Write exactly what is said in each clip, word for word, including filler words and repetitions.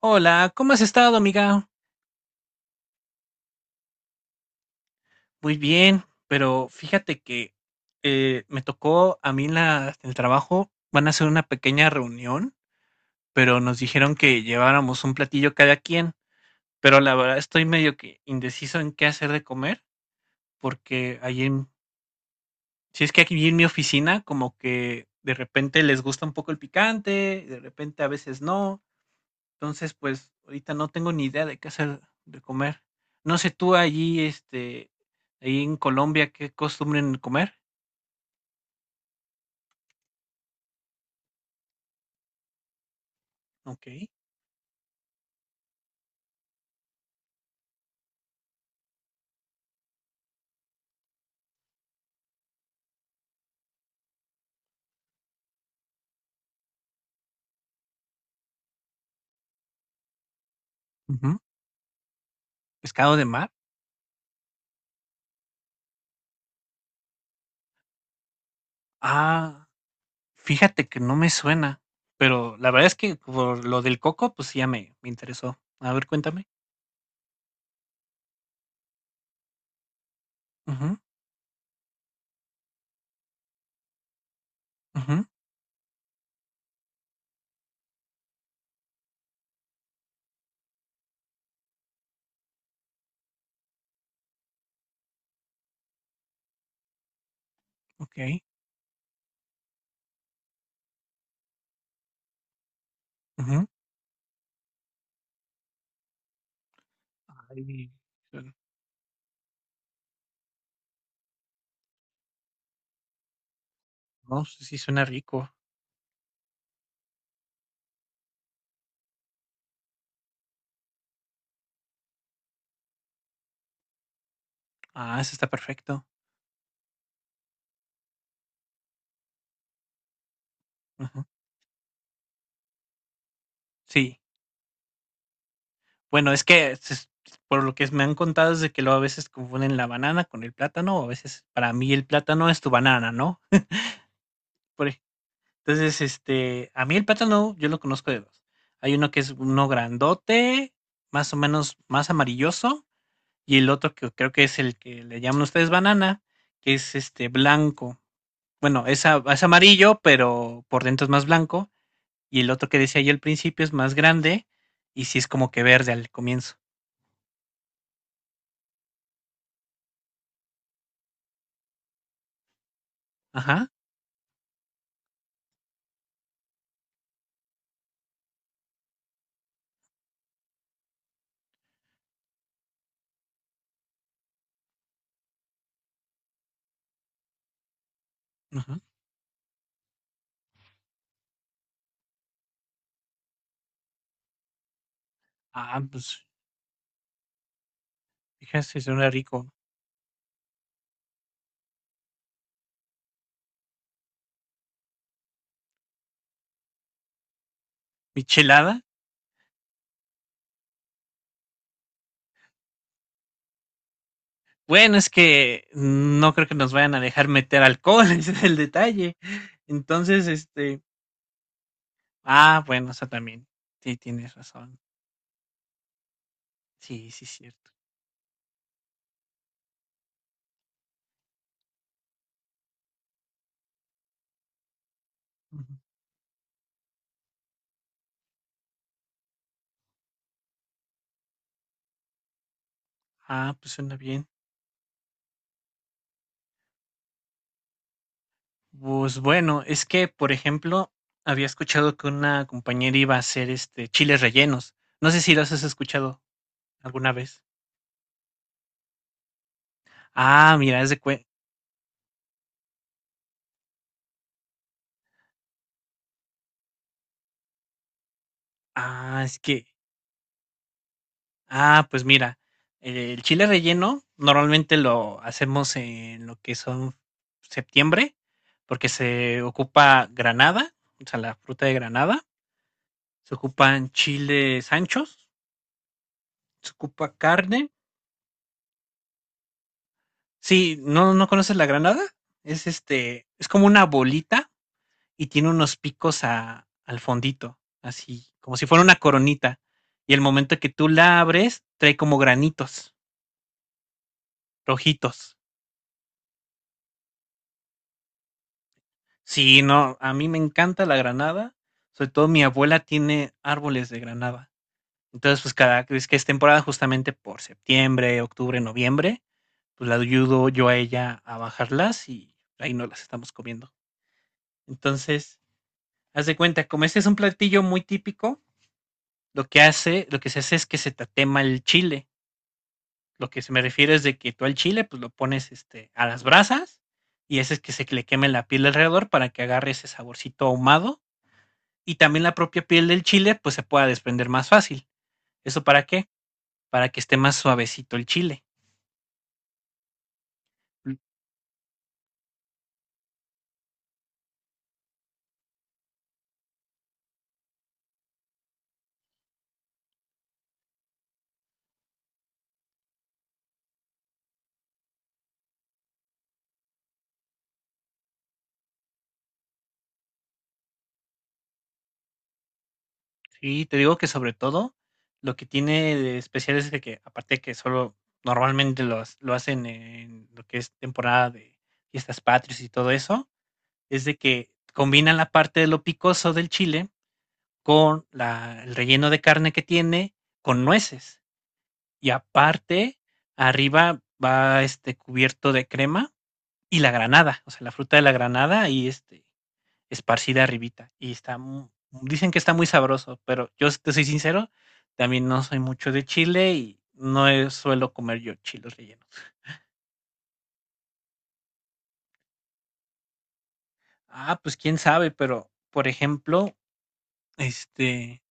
Hola, ¿cómo has estado, amiga? Muy bien, pero fíjate que eh, me tocó a mí en la, en el trabajo, van a hacer una pequeña reunión, pero nos dijeron que lleváramos un platillo cada quien, pero la verdad estoy medio que indeciso en qué hacer de comer, porque ahí en, si es que aquí en mi oficina como que de repente les gusta un poco el picante, de repente a veces no. Entonces, pues, ahorita no tengo ni idea de qué hacer de comer. No sé tú allí, este, ahí en Colombia, ¿qué costumbren comer? ¿Ok? Ujú. ¿Pescado de mar? Ah, fíjate que no me suena, pero la verdad es que por lo del coco, pues, sí ya me me interesó. A ver, cuéntame. Ujú, ujú, ok, ujú. Ay, suen no, sí suena rico. Ah, eso está perfecto. Ujú. Sí. Bueno, es que se por lo que me han contado es de que luego a veces confunden la banana con el plátano, o a veces para mí el plátano es tu banana, ¿no? Por ej entonces, este, a mí el plátano yo lo conozco de dos. Hay uno que es uno grandote, más o menos más amarilloso, y el otro que creo que es el que le llaman ustedes banana, que es, este, blanco. Bueno, es a es amarillo, pero por dentro es más blanco, y el otro que decía yo al principio es más grande, y sí es como que verde al comienzo. Ajá, ujú. Ah, pues, fíjese, suena rico. ¿Michelada? Bueno, es que no creo que nos vayan a dejar meter alcohol, ese es el detalle. Entonces, este, ah, bueno, o sea, también, sí, tienes razón. Sí, sí, cierto. Ujú. Ah, pues suena bien. Pues bueno, es que, por ejemplo, había escuchado que una compañera iba a hacer este chiles rellenos. No sé si los has escuchado alguna vez. Ah, mira, es de cue- Ah, es que Ah, pues mira, eh, el chile relleno normalmente lo hacemos en lo que son septiembre, porque se ocupa granada, o sea, la fruta de granada, se ocupan chiles anchos, se ocupa carne. Sí, ¿no, no conoces la granada? Es este, es como una bolita y tiene unos picos a- al fondito, así, como si fuera una coronita. Y el momento que tú la abres, trae como granitos rojitos. Sí, no, a mí me encanta la granada, sobre todo mi abuela tiene árboles de granada. Entonces, pues cada vez que es temporada, justamente por septiembre, octubre, noviembre, pues la ayudo yo a ella a bajarlas y ahí no las estamos comiendo. Entonces, haz de cuenta, como este es un platillo muy típico, lo que hace, lo que se hace es que se tatema el chile. Lo que se me refiere es de que tú al chile, pues lo pones este, a las brasas y ese es que se le queme la piel alrededor para que agarre ese saborcito ahumado y también la propia piel del chile pues se pueda desprender más fácil. ¿Eso para qué? Para que esté más suavecito el chile. Sí, te digo que sobre todo lo que tiene de especial es de que aparte que solo normalmente lo, ha- lo hacen en lo que es temporada de fiestas patrias y todo eso, es de que combinan la parte de lo picoso del chile con la- el relleno de carne que tiene con nueces. Y aparte, arriba va este cubierto de crema y la granada, o sea, la fruta de la granada y este, esparcida arribita. Y está, mu- dicen que está muy sabroso, pero yo te soy sincero, también no soy mucho de chile y no eh, suelo comer yo chiles rellenos. Ah, pues quién sabe, pero por ejemplo, este,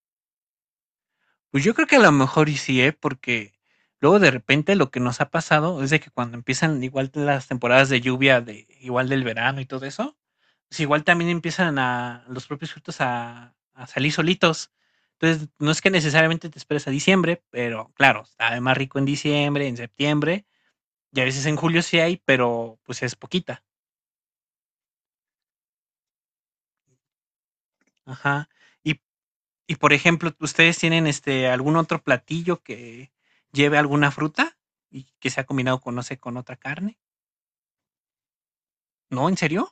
pues yo creo que a lo mejor y sí, ¿eh? Porque luego de repente lo que nos ha pasado es de que cuando empiezan igual las temporadas de lluvia, de, igual del verano y todo eso, pues igual también empiezan a los propios frutos a, a salir solitos. Entonces, no es que necesariamente te esperes a diciembre, pero claro, está más rico en diciembre, en septiembre, y a veces en julio sí hay, pero pues es poquita. Ajá. Y y por ejemplo, ¿ustedes tienen este algún otro platillo que lleve alguna fruta y que sea combinado con, no sé, con otra carne? ¿No? ¿En serio?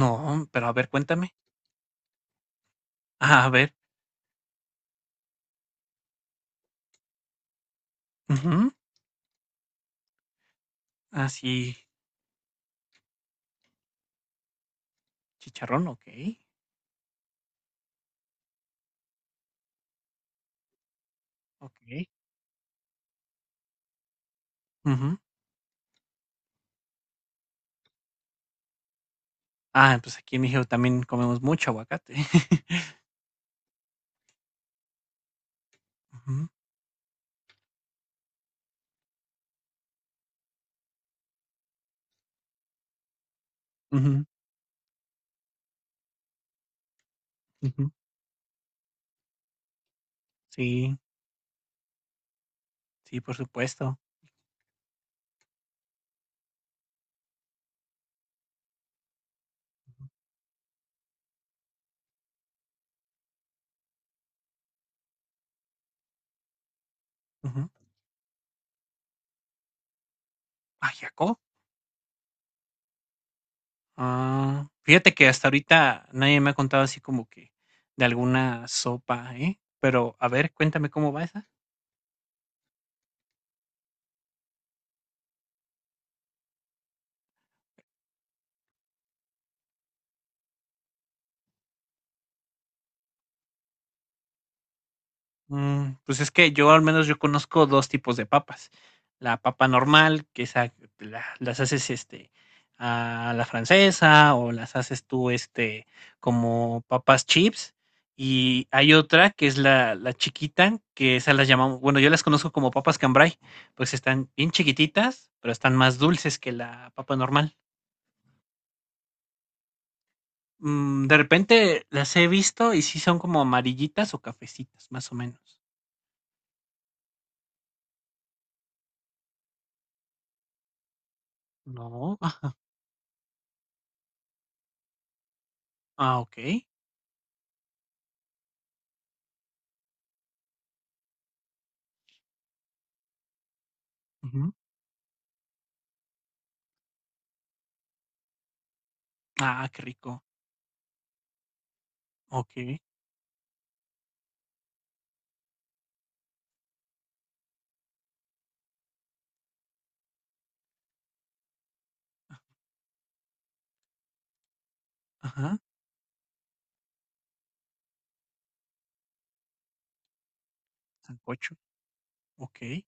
No, pero a ver, cuéntame. Ah, a ver. Ujú. Así, chicharrón, ok. Ok. Ujú. Ah, pues aquí en México también comemos mucho aguacate. Ujú, ujú, ujú. Sí, sí, por supuesto. Ujú. Ajiaco. Ah, fíjate que hasta ahorita nadie me ha contado así como que de alguna sopa, ¿eh? Pero a ver, cuéntame cómo va esa. Mm, pues es que yo al menos yo conozco dos tipos de papas. La papa normal, que esa la- las haces este a la francesa o las haces tú este como papas chips. Y hay otra que es la, la chiquita, que esas las llamamos, bueno, yo las conozco como papas cambray, pues están bien chiquititas, pero están más dulces que la papa normal. Mm, de repente las he visto y sí son como amarillitas o cafecitas, más o menos. No. Ah, ah, okey. Ujú. Ah, qué rico. Okey. Ajá. Sancocho. Okey.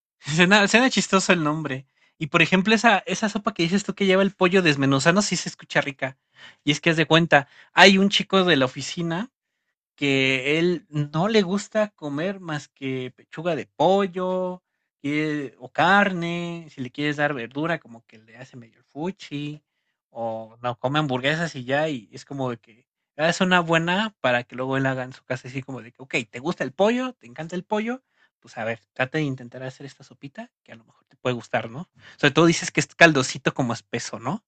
Suena suena chistoso el nombre. Y, por ejemplo, esa esa sopa que dices tú que lleva el pollo desmenuzado, sí se escucha rica. Y es que haz de cuenta, hay un chico de la oficina que él no le gusta comer más que pechuga de pollo, eh, o carne, si le quieres dar verdura, como que le hace medio el fuchi, o no come hamburguesas y ya, y es como de que "Ah, es una buena para que luego él haga en su casa así como de que, ok, ¿te gusta el pollo? ¿Te encanta el pollo? Pues a ver, trata de intentar hacer esta sopita que a lo mejor te puede gustar, ¿no? Sobre todo dices que es caldosito como espeso, ¿no?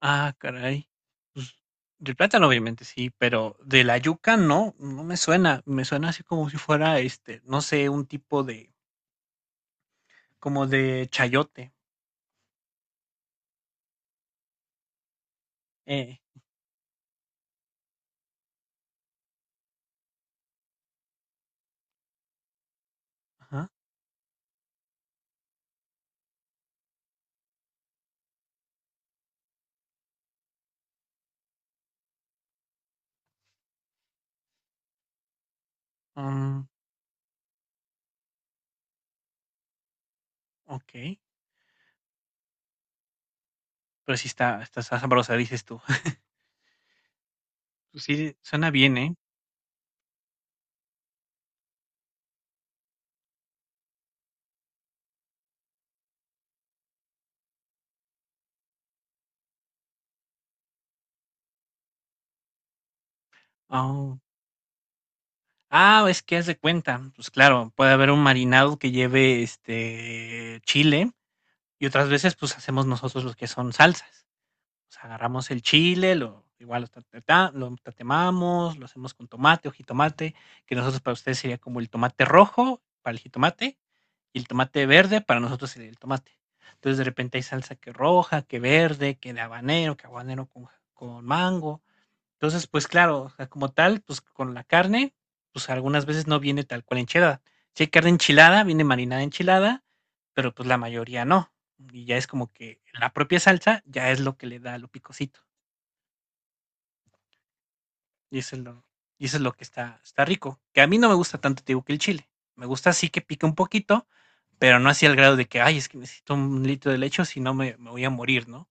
Ah, caray. Pues, del plátano obviamente sí, pero de la yuca no, no me suena. Me suena así como si fuera, este, no sé, un tipo de, como de chayote. Eh, ajá. Mm, ok. Pero sí está, está sabrosa, dices tú. Pues sí, suena bien, ¿eh? Oh. Ah, es que haz de cuenta. Pues claro, puede haber un marinado que lleve, este, chile y otras veces pues hacemos nosotros los que son salsas. O sea, agarramos el chile, lo igual lo, tatata- lo tatemamos, lo hacemos con tomate o jitomate, que nosotros para ustedes sería como el tomate rojo para el jitomate y el tomate verde para nosotros sería el tomate. Entonces de repente hay salsa que roja, que verde, que de habanero, que habanero con, ja, con mango. Entonces, pues claro, o sea, como tal, pues con la carne, pues algunas veces no viene tal cual enchilada. Si hay carne enchilada, viene marinada enchilada, pero pues la mayoría no. Y ya es como que la propia salsa ya es lo que le da lo picosito. Y eso es lo, y eso es lo que está, está rico. Que a mí no me gusta tanto, te digo, que el chile. Me gusta así que pique un poquito, pero no así al grado de que, ay, es que necesito un litro de leche, o si no me, me voy a morir, ¿no?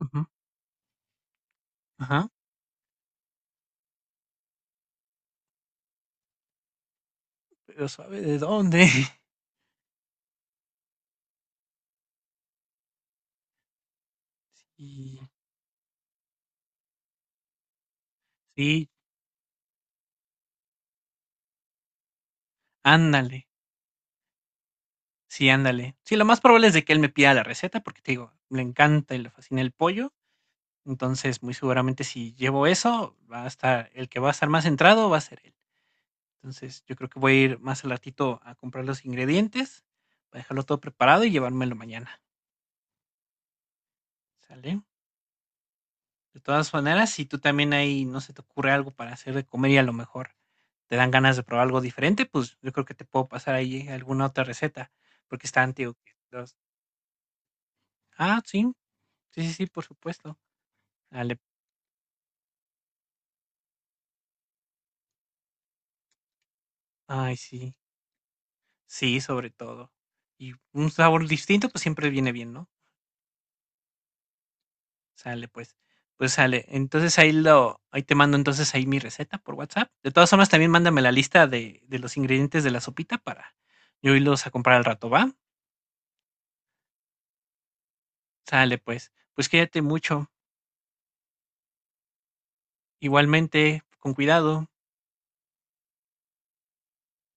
Ujú. Ajá. Pero sabe de dónde. Y sí, ándale. Sí, ándale. Sí, lo más probable es de que él me pida la receta, porque te digo, le encanta y le fascina el pollo. Entonces, muy seguramente si llevo eso, va a estar, el que va a estar más centrado va a ser él. Entonces, yo creo que voy a ir más al ratito a comprar los ingredientes, para dejarlo todo preparado y llevármelo mañana. ¿Sale? De todas maneras, si tú también ahí no se te ocurre algo para hacer de comer y a lo mejor te dan ganas de probar algo diferente, pues yo creo que te puedo pasar ahí alguna otra receta, porque está antiguo. Ah, sí, sí, sí, sí, por supuesto. Dale, ay, sí. Sí, sobre todo. Y un sabor distinto, pues, siempre viene bien, ¿no? Sale, pues. Pues sale. Entonces, ahí lo ahí te mando, entonces, ahí mi receta por WhatsApp. De todas formas, también mándame la lista de de los ingredientes de la sopita para yo irlos a comprar al rato, ¿va? Sale, pues. Pues cuídate mucho. Igualmente, con cuidado.